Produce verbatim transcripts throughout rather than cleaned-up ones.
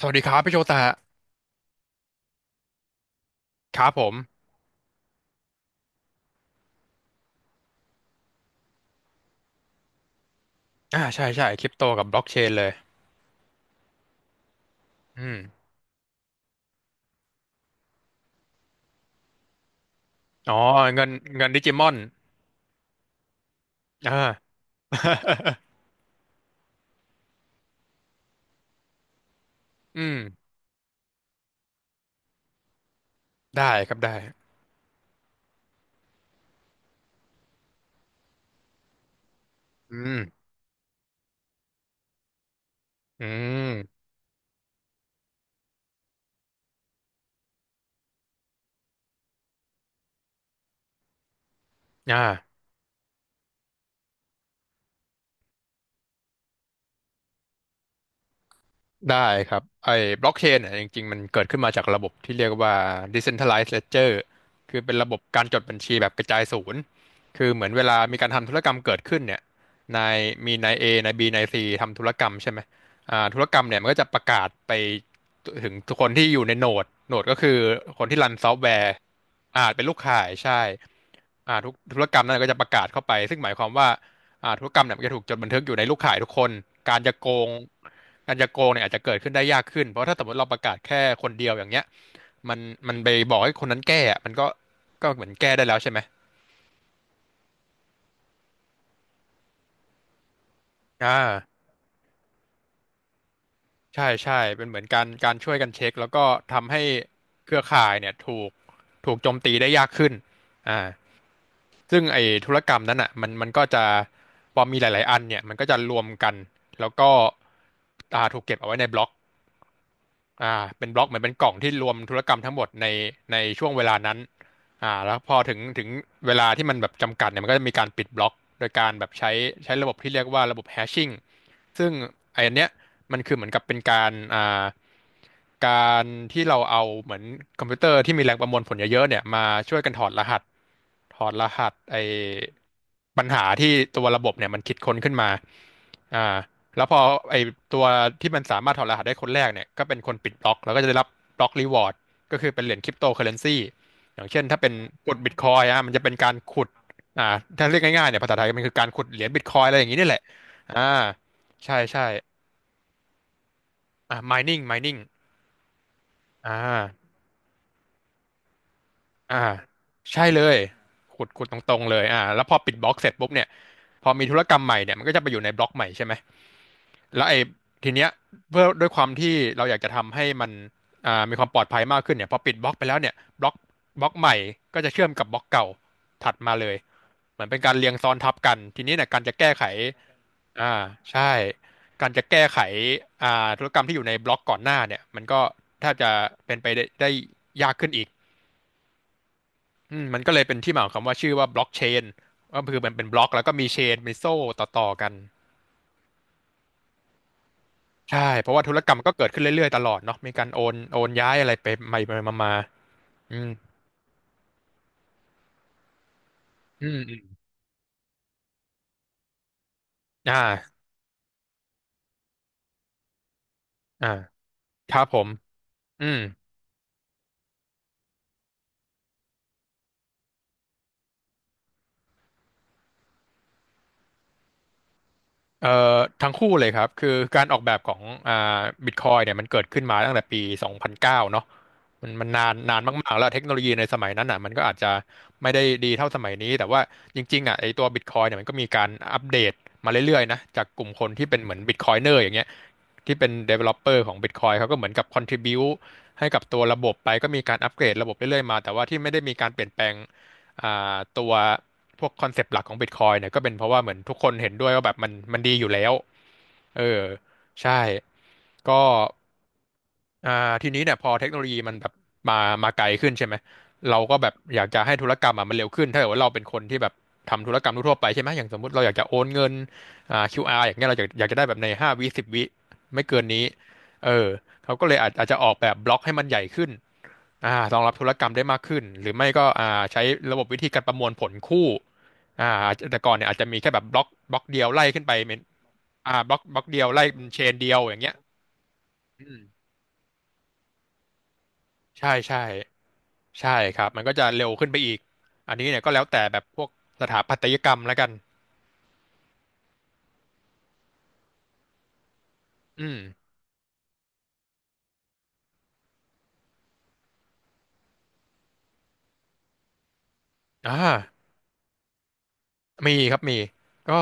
สวัสดีครับพี่โชตะครับผมอ่าใช่ใช่คริปโตกับบล็อกเชนเลยอืมอ๋อเงินเงินดิจิมอนอ่า อืมได้ครับได้อืมอืมอ่า ได้ครับไอ้บล็อกเชนเนี่ยจริงๆมันเกิดขึ้นมาจากระบบที่เรียกว่า decentralized ledger คือเป็นระบบการจดบัญชีแบบกระจายศูนย์คือเหมือนเวลามีการทำธุรกรรมเกิดขึ้นเนี่ยนายมีนาย A นาย B นาย C ทำธุรกรรมใช่ไหมอ่าธุรกรรมเนี่ยมันก็จะประกาศไปถึงทุกคนที่อยู่ในโหนดโหนดก็คือคนที่รันซอฟต์แวร์อาจเป็นลูกข่ายใช่อ่าทุกธุรกรรมนั้นก็จะประกาศเข้าไปซึ่งหมายความว่า อ่าธุรกรรมเนี่ยมันจะถูกจดบันทึกอยู่ในลูกข่ายทุกคน การจะโกงการจะโกงเนี่ยอาจจะเกิดขึ้นได้ยากขึ้น เพราะถ้าสมมติเราประกาศแค่คนเดียวอย่างเงี้ย มันมันไปบอกให้คนนั้นแก้อะมันก็ก็เหมือนแก้ได้แล้วใช่ไหมอ่า ใช่ใช่เป็นเหมือนการการช่วยกันเช็คแล้วก็ทำให้เครือข่ายเนี่ยถูกถูกโจมตีได้ยากขึ้นอ่าซึ่งไอ้ธุรกรรมนั้นอ่ะมันมันก็จะพอมีหลายๆอันเนี่ยมันก็จะรวมกันแล้วก็อ่าถูกเก็บเอาไว้ในบล็อก อ่าเป็นบล็อกเหมือนเป็นกล่องที่รวมธุรกรรมทั้งหมดในในช่วงเวลานั้นอ่าแล้วพอถึงถึงเวลาที่มันแบบจำกัดเนี่ยมันก็จะมีการปิดบล็อกโดยการแบบใช้ใช้ระบบที่เรียกว่าระบบแฮชชิ่งซึ่งไออันเนี้ยมันคือเหมือนกับเป็นการอ่าการที่เราเอาเหมือนคอมพิวเตอร์ที่มีแรงประมวลผลเยอะๆเนี่ยมาช่วยกันถอดรหัสถอดรหัสไอปัญหาที่ตัวระบบเนี่ยมันคิดค้นขึ้นมาอ่า แล้วพอไอตัวที่มันสามารถถอดรหัสได้คนแรกเนี่ยก็เป็นคนปิดบล็อกแล้วก็จะได้รับบล็อกรีวอร์ดก็คือเป็นเหรียญคริปโตเคอเรนซีอย่างเช่นถ้าเป็นกดบิตคอยอ่ะมันจะเป็นการขุดอ่าถ้าเรียกง่ายๆเนี่ยภาษาไทยมันคือการขุดเหรียญบิตคอยอะไรอย่างนี้นี่แหละอ่าใช่ใช่อ่า mining mining อ่าอ่าใช่เลยขุดขุดตรงๆเลยอ่าแล้วพอปิดบล็อกเสร็จปุ๊บเนี่ยพอมีธุรกรรมใหม่เนี่ยมันก็จะไปอยู่ในบล็อกใหม่ใช่ไหม แล้วไอ้ทีเนี้ยเพื่อด้วยความที่เราอยากจะทำให้มันอ่ามีความปลอดภัยมากขึ้นเนี่ยพอปิดบล็อกไปแล้วเนี่ยบล็อกบล็อกใหม่ก็จะเชื่อมกับบล็อกเก่าถัดมาเลยเหมือนเป็นการเรียงซ้อนทับกันทีนี้เนี่ยการจะแก้ไขอ่าใช่การจะแก้ไขอ่าธุรกรรมที่อยู่ในบล็อกก่อนหน้าเนี่ยมันก็แทบจะเป็นไปได้ได้ยากขึ้นอีกอืมมันก็เลยเป็นที่มาของคำว่าชื่อว่าบล็อกเชนก็คือมันเป็นบล็อกแล้วก็มีเชนมีโซ่ต่อๆกัน ใช่เพราะว่าธุรกรรมก็เกิดขึ้นเรื่อยๆตลอดเนาะมีการโอนโอนย้ายอะไรไปไปมามาอืมอืมอืมอ่าอ่าครับผมอืม เอ่อทั้งคู่เลยครับคือการออกแบบของอ่าบิตคอยเนี่ยมันเกิดขึ้นมาตั้งแต่ปีสองพันเก้าเก้าเนาะมันมันนานนานมากๆแล้วเทคโนโลยีในสมัยนั้นอ่ะมันก็อาจจะไม่ได้ดีเท่าสมัยนี้แต่ว่าจริงๆอ่ะไอตัวบิตคอยเนี่ยมันก็มีการอัปเดตมาเรื่อยๆนะจากกลุ่มคนที่เป็นเหมือนบิตคอยเนอร์อย่างเงี้ยที่เป็น developer ของ Bitcoin เขาก็เหมือนกับ contribute ให้กับตัวระบบไปก็มีการอัปเกรดระบบเรื่อยๆมาแต่ว่าที่ไม่ได้มีการเปลี่ยนแปลง อ่าตัวพวกคอนเซปต์หลักของ Bitcoin เนี่ยก็เป็นเพราะว่าเหมือนทุกคนเห็นด้วยว่าแบบมันมันดีอยู่แล้วเออใช่ก็อ่าทีนี้เนี่ยพอเทคโนโลยีมันแบบมามาไกลขึ้นใช่ไหม เราก็แบบอยากจะให้ธุรกรรมอ่ะมันเร็วขึ้นถ้าเกิดว่าเราเป็นคนที่แบบทำธุรกรรมทั่วๆไปใช่ไหมอย่างสมมติเราอยากจะโอนเงินอ่า คิว อาร์ อาร์อย่างเงี้ยเราอยากอยากจะได้แบบในห้าวิสิบวิไม่เกินนี้เออเขาก็เลยอาจอาจจะออกแบบบล็อกให้มันใหญ่ขึ้น อ่ารองรับธุรกรรมได้มากขึ้นหรือไม่ก็อ่าใช้ระบบวิธีการประมวลผลคู่อ่าแต่ก่อนเนี่ยอาจจะมีแค่แบบบล็อกบล็อกเดียวไล่ขึ้นไปเป็นอ่าบล็อกบล็อกเดียวไล่เป็นเชนเดียวอย่างเงี้ยอืมใช่ใช่ใช่ครับมันก็จะเร็วขึ้นไปอีกอันนี้เนี่ยก็แล้วแต่แบบพวกสถาปัตยกรรมแล้วกันอืมอ่า มีครับมีก็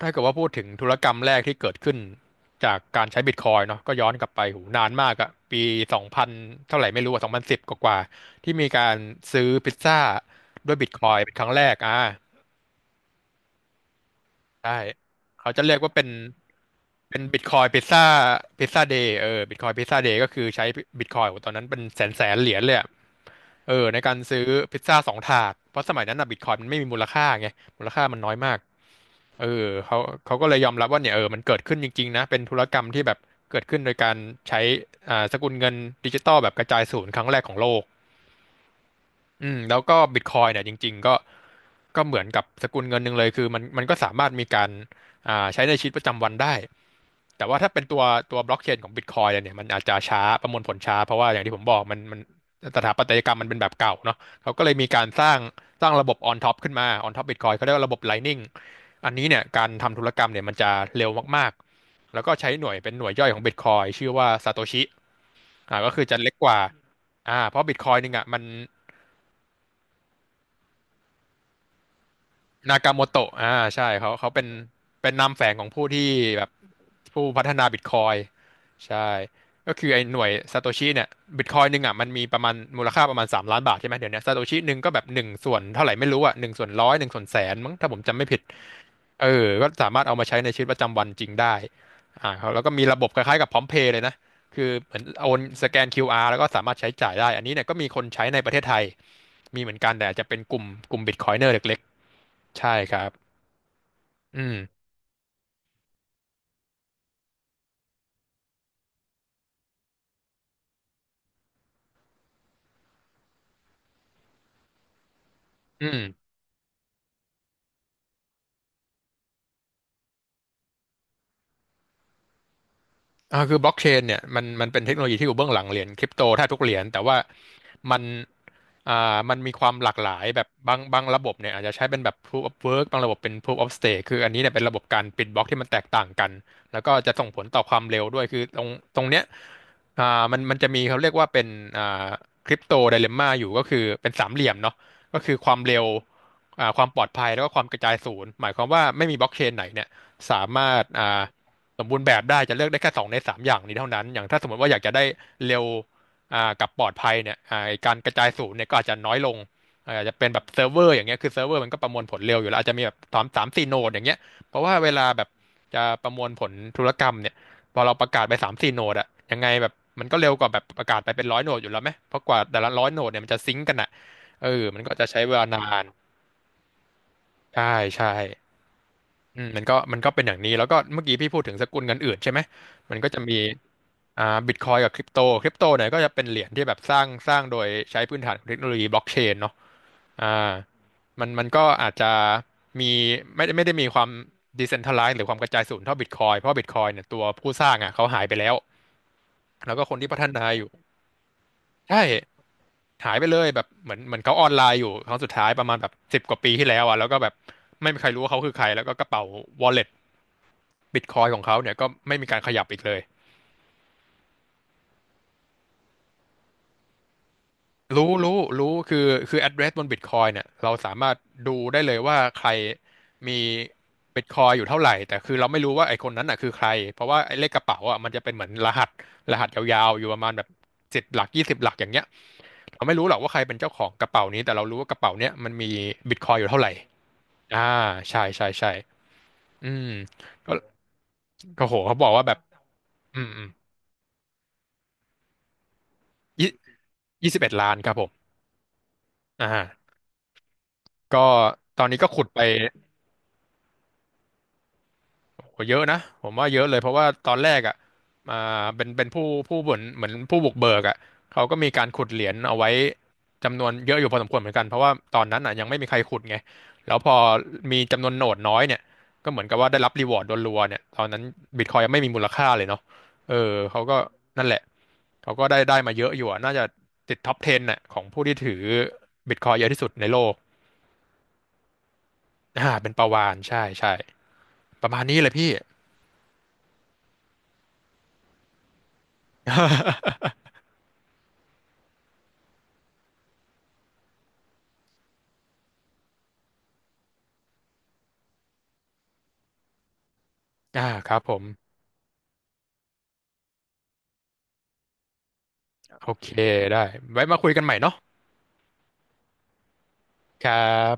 ถ้าเกิดว่าพูดถึงธุรกรรมแรกที่เกิดขึ้นจากการใช้บิตคอยน์เนาะก็ย้อนกลับไปหูนานมากอะปีสองพันเท่าไหร่ไม่รู้อะสองพันสิบกว่าๆที่มีการซื้อพิซซ่าด้วยบิตคอยน์เป็นครั้งแรกอ่า ใช่เขาจะเรียกว่าเป็นเป็นบิตคอยพิซซ่าพิซซ่าเดย์เออบิตคอยพิซซ่าเดย์ก็คือใช้บิตคอยตอนนั้นเป็นแสนแสนเหรียญเลยอะเออในการซื้อพิซซ่าสองถาดเพราะสมัยนั้นอะบิตคอยมันไม่มีมูลค่าไงมูลค่ามันน้อยมากเออเขาเขาก็เลยยอมรับว่าเนี่ยเออมันเกิดขึ้นจริงๆนะเป็นธุรกรรมที่แบบเกิดขึ้นโดยการใช้อ่าสกุลเงินดิจิตอลแบบกระจายศูนย์ครั้งแรกของโลก อืมแล้วก็บิตคอยเนี่ยจริงๆก็ก็เหมือนกับสกุลเงินหนึ่งเลยคือมันมันก็สามารถมีการอ่าใช้ในชีวิตประจำวันได้แต่ว่าถ้าเป็นตัวตัวบล็อกเชนของบิตคอยเนี่ยมันอาจจะช้าประมวลผลช้าเพราะว่าอย่างที่ผมบอกมันมันสถาปัตยกรรมมันเป็นแบบเก่าเนาะเขาก็เลยมีการสร้างสร้างระบบออนท็อปขึ้นมาออนท็อปบิตคอยเขาเรียกว่าระบบไลนิ่งอันนี้เนี่ยการทำธุรกรรมเนี่ยมันจะเร็วมากๆแล้วก็ใช้หน่วยเป็นหน่วยย่อยของบิตคอยชื่อว่าซาโตชิอ่าก็คือจะเล็กกว่าอ่าเพราะบิตคอยนึงอ่ะมัน นากาโมโตะอ่าใช่เขาเขาเป็นเป็นนามแฝงของผู้ที่แบบผู้พัฒนาบิตคอยใช่ก็คือไอ้หน่วยซาโตชิเนี่ยบิตคอยหนึ่งอ่ะมันมีประมาณมูลค่าประมาณสามล้านบาทใช่ไหมเดี๋ยวเนี้ซาโตชิหนึ่งก็แบบหนึ่งส่วนเท่าไหร่ไม่รู้อ่ะหนึ่งส่วนร้อยหนึ่งส่วนแสนมั้งถ้าผมจำไม่ผิดเออก็สามารถเอามาใช้ในชีวิตประจำวันจริงได้อ่าเขาแล้วก็มีระบบคล้ายๆกับพร้อมเพย์เลยนะ คือเหมือนโอนสแกน คิว อาร์ แล้วก็สามารถใช้จ่ายได้อันนี้เนี่ยก็มีคนใช้ในประเทศไทยมีเหมือนกันแต่อาจจะเป็นกลุ่มกลุ่มบิตคอยเนอร์เล็กๆใช่ครับ อืมอืมอ่าคือบล็อกเชนเนี่ยมันมันเป็นเทคโนโลยีที่อยู่เบื้องหลังเหรียญคริปโตแทบทุกเหรียญแต่ว่ามัน อ่ามันมีความหลากหลายแบบบางบางระบบเนี่ยอาจจะใช้เป็นแบบ proof of work บางระบบเป็น proof of stake คืออันนี้เนี่ยเป็นระบบการปิดบล็อกที่มันแตกต่างกันแล้วก็จะส่งผลต่อความเร็วด้วยคือตรงตรงเนี้ยอ่ามันมันจะมีเขาเรียกว่าเป็นอ่าคริปโตไดเลมม่าอยู่ก็คือเป็นสามเหลี่ยมเนาะก็คือความเร็วอ่าความปลอดภัยแล้วก็ความกระจายศูนย์หมายความว่าไม่มีบล็อกเชนไหนเนี่ยสามารถอ่าสมบูรณ์แบบได้จะเลือกได้แค่สองในสามอย่างนี้เท่านั้นอย่างถ้าสมมติว่าอยากจะได้เร็ว อ่ากับปลอดภัยเนี่ยอ่าไอ้การกระจายศูนย์เนี่ยก็อาจจะน้อยลงอาอาจจะเป็นแบบเซิร์ฟเวอร์อย่างเงี้ยคือเซิร์ฟเวอร์มันก็ประมวลผลเร็วอยู่แล้วอาจจะมีแบบสามสามสี่โนดอย่างเงี้ยเพราะว่าเวลาแบบจะประมวลผลธุรกรรมเนี่ยพอเราประกาศไปสามสี่โนดอะยังไงแบบมันก็เร็วกว่าแบบประกาศไปเป็นร้อยโนดอยู่แล้วไหมเพราะกว่าแต่ละร้อยโนดเนี่ยมันจะซิงก์กันอะเออมันก็จะใช้เวลานานใช่ใช่ อืมมันก็มันก็เป็นอย่างนี้แล้วก็เมื่อกี้พี่พูดถึงสกุลเงินอื่นใช่ไหมมันก็จะมีอ่าบิตคอยกับคริปโตคริปโตเนี่ยก็จะเป็นเหรียญที่แบบสร้างสร้างโดยใช้พื้นฐานของเทคโนโลยีบล็อกเชนเนาะอ่ามันมันก็อาจจะมีไม่ได้ไม่ได้มีความดิเซนท r a ไลซ์หรือความกระจายศูนย์เท่าบิตคอยเพราะบิตคอยเนี่ยตัวผู้สร้างอ่ะเขาหายไปแล้วแล้วก็คนที่พัฒนาอยู่ใช่หายไปเลยแบบเหมือนเหมือนเขาออนไลน์อยู่ครั้งสุดท้ายประมาณแบบสิบกว่าปีที่แล้วอ่ะแล้วก็แบบไม่มีใครรู้ว่าเขาคือใครแล้วก็กระเป๋า wallet บิตคอยของเขาเนี่ยก็ไม่มีการขยับอีกเลยรู้รู้รู้คือคือ address บนบิตคอยเนี่ยเราสามารถดูได้เลยว่าใครมีบิตคอยอยู่เท่าไหร่แต่คือเราไม่รู้ว่าไอคนนั้นน่ะคือใครเพราะว่าไอเลขกระเป๋าอ่ะมันจะเป็นเหมือนรหัสรหัสยาวๆอยู่ประมาณแบบสิบหลักยี่สิบหลักอย่างเงี้ยเราไม่รู้หรอกว่าใครเป็นเจ้าของกระเป๋านี้แต่เรารู้ว่ากระเป๋าเนี้ยมันมีบิตคอยอยู่เท่าไหร่อ่าใช่ใช่ใช่อืมก็ก็โหเขาบอกว่าแบบอืมอืมยี่ยี่สิบเอ็ดล้านครับผมอ่า ก็ตอนนี้ก็ขุดไปโหเยอะนะผมว่าเยอะเลยเพราะว่าตอนแรกอ่ะมาเป็นเป็นผู้ผู้บุนเหมือนผู้บุกเบิกอ่ะเขาก็มีการขุดเหรียญเอาไว้จำนวนเยอะอยู่พอสมควรเหมือนกันเพราะว่าตอนนั้นอ่ะยังไม่มีใครขุดไงแล้วพอมีจำนวนโหนดน้อยเนี่ยก็เหมือนกับว่าได้รับรีวอร์ดรัวๆเนี่ยตอนนั้นบิตคอยยังไม่มีมูลค่าเลยเนาะเออเขาก็นั่นแหละเขาก็ได้ได้มาเยอะอยู่อะน่าจะติดท็อปสิบน่ะของผู้ที่ถือบิตคอยเยอะที่สุดในโลกอ่าเป็นประวานใช่ใช่ประมาณนี้เลยพี่ อ่าครับผมโอเคได้ไว้มาคุยกันใหม่เนาะครับ